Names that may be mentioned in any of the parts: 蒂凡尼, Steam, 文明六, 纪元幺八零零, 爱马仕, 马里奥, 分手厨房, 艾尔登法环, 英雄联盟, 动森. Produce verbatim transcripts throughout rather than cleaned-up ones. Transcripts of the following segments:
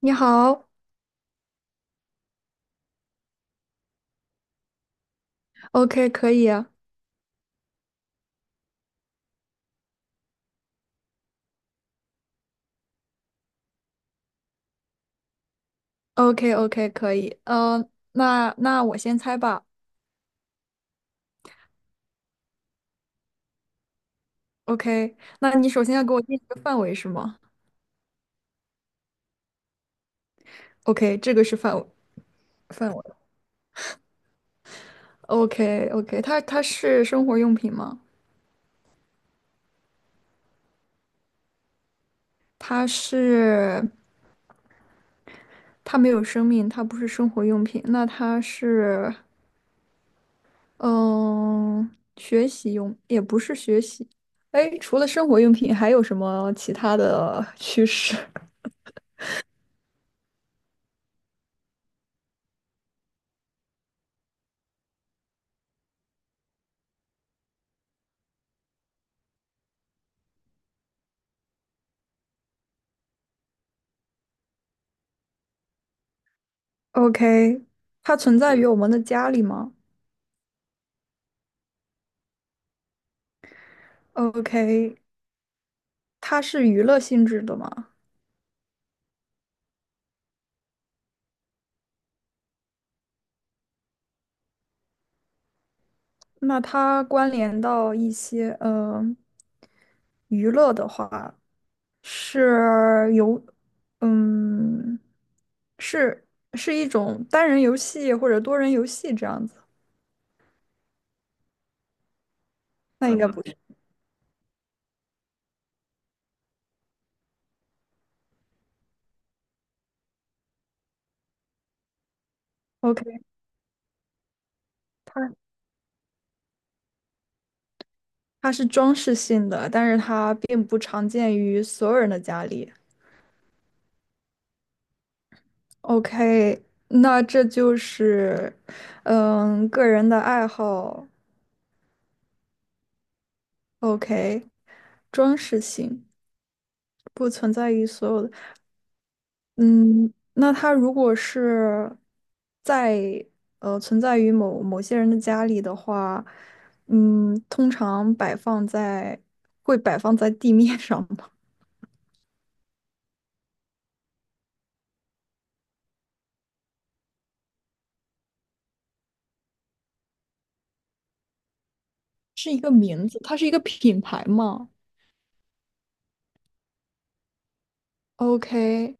你好。OK,可以。OK，OK，可以，呃，那那我先猜吧。OK,那你首先要给我定一个范围是吗？OK,这个是范围，范围。OK，OK，它它是生活用品吗？它是，它没有生命，它不是生活用品，那它是嗯、学习用，也不是学习。哎，除了生活用品还有什么其他的趋势？ ？OK,它存在于我们的家里吗？OK,它是娱乐性质的嘛？那它关联到一些呃娱乐的话，是游，嗯，是是一种单人游戏或者多人游戏这样子。那应嗯该不是。OK,它它是装饰性的，但是它并不常见于所有人的家里。OK,那这就是嗯个人的爱好。OK,装饰性不存在于所有的。嗯，那它如果是在呃存在于某某些人的家里的话，嗯，通常摆放在会摆放在地面上吗？是一个名字，它是一个品牌吗？OK。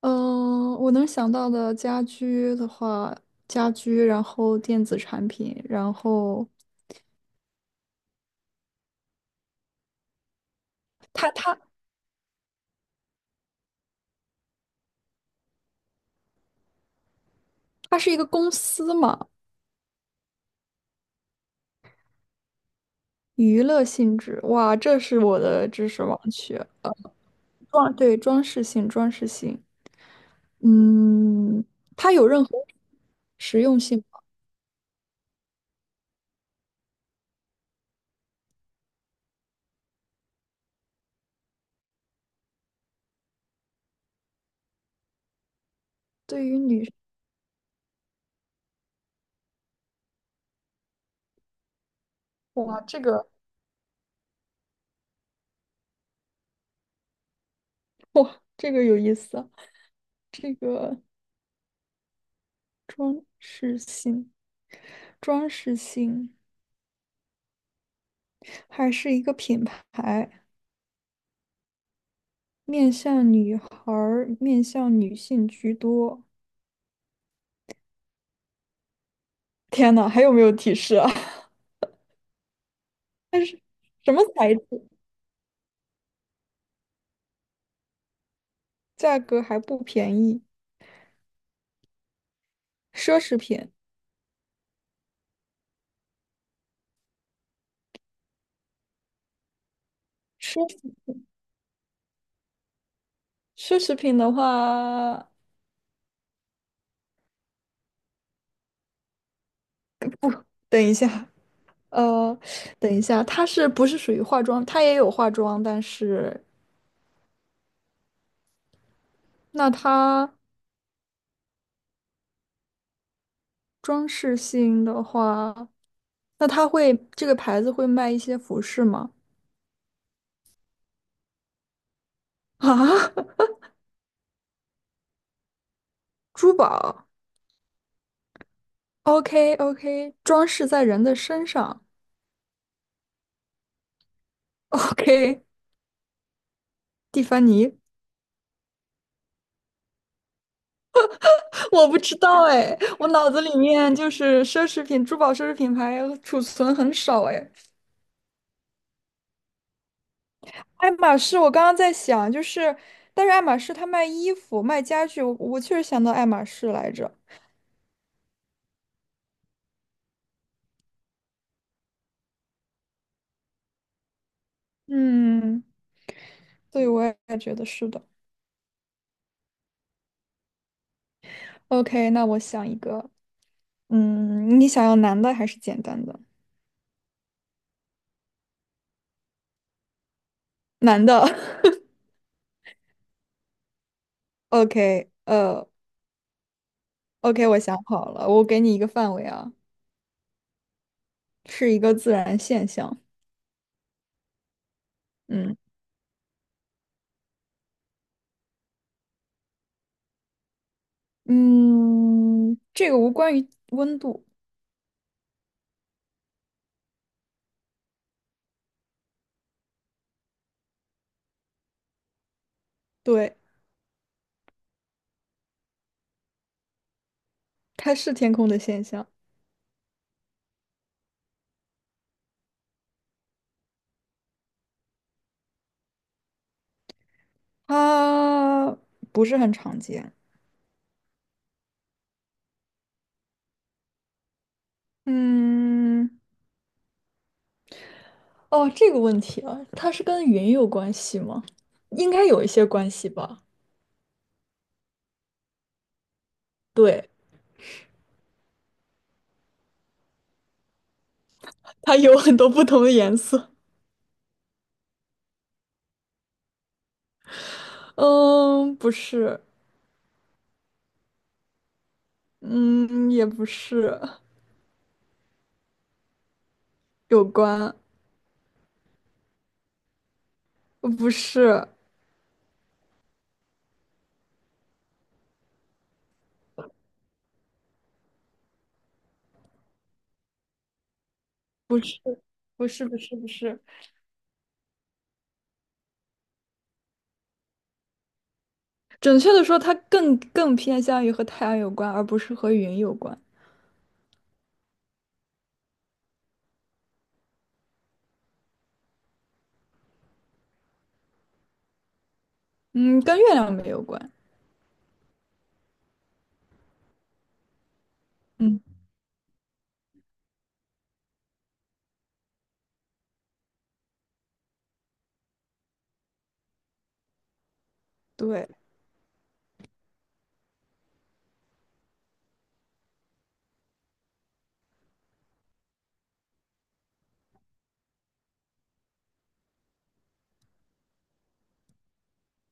嗯，我能想到的家居的话，家居，然后电子产品，然后它它它是一个公司嘛？娱乐性质，哇，这是我的知识盲区。装，对，装饰性，装饰性。嗯，它有任何实用性吗？对于女生，哇，这个，哇，这个有意思啊，这个装饰性，装饰性，还是一个品牌，面向女孩儿，面向女性居多。天呐，还有没有提示啊？但是什么材质？价格还不便宜，奢侈品。奢。奢侈品的话，等一下，呃，等一下，它是不是属于化妆？它也有化妆，但是那它装饰性的话，那它会这个牌子会卖一些服饰吗？啊，珠宝OK OK，装饰在人的身上？OK,蒂凡尼？我不知道哎，我脑子里面就是奢侈品、珠宝、奢侈品牌储存很少哎。爱马仕，我刚刚在想，就是，但是爱马仕它卖衣服、卖家具，我我确实想到爱马仕来着。嗯，对，我也觉得是的。OK,那我想一个，嗯，你想要男的还是简单的？男的。OK,呃，OK,我想好了，我给你一个范围啊，是一个自然现象。嗯嗯，这个无关于温度。对，它是天空的现象。它不是很常见。嗯，哦，这个问题啊，它是跟云有关系吗？应该有一些关系吧。对，它有很多不同的颜色。嗯，不是。嗯，也不是。有关。不是，不是，不是，不是。准确的说，它更更偏向于和太阳有关，而不是和云有关。嗯，跟月亮没有关。嗯，对，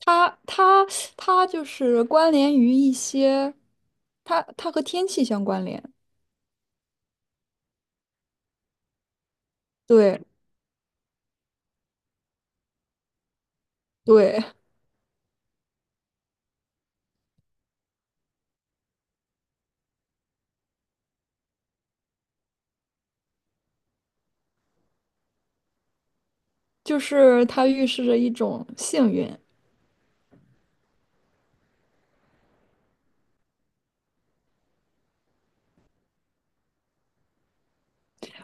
它，它，它就是关联于一些，它，它和天气相关联。对。对，就是它预示着一种幸运，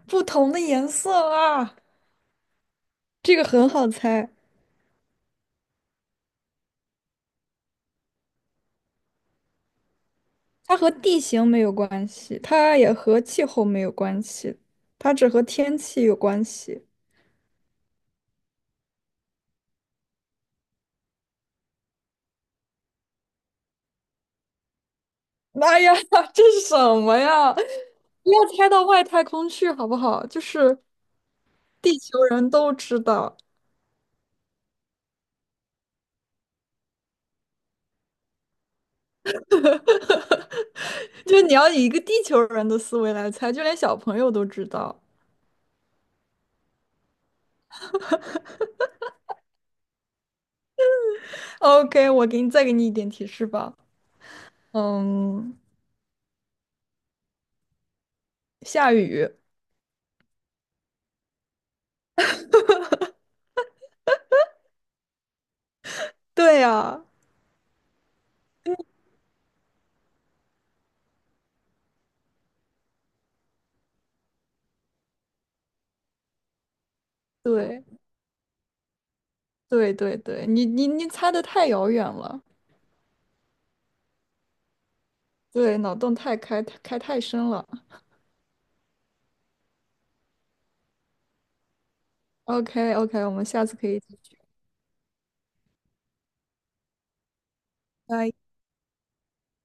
不同的颜色啊，这个很好猜。它和地形没有关系，它也和气候没有关系，它只和天气有关系。妈呀，这是什么呀？不要猜到外太空去好不好？就是地球人都知道，就是你要以一个地球人的思维来猜，就连小朋友都知道。OK,我给你再给你一点提示吧。嗯，下雨。对呀、对对对对，你你你猜的太遥远了。对，脑洞太开开太深了。OK OK，我们下次可以继续。拜。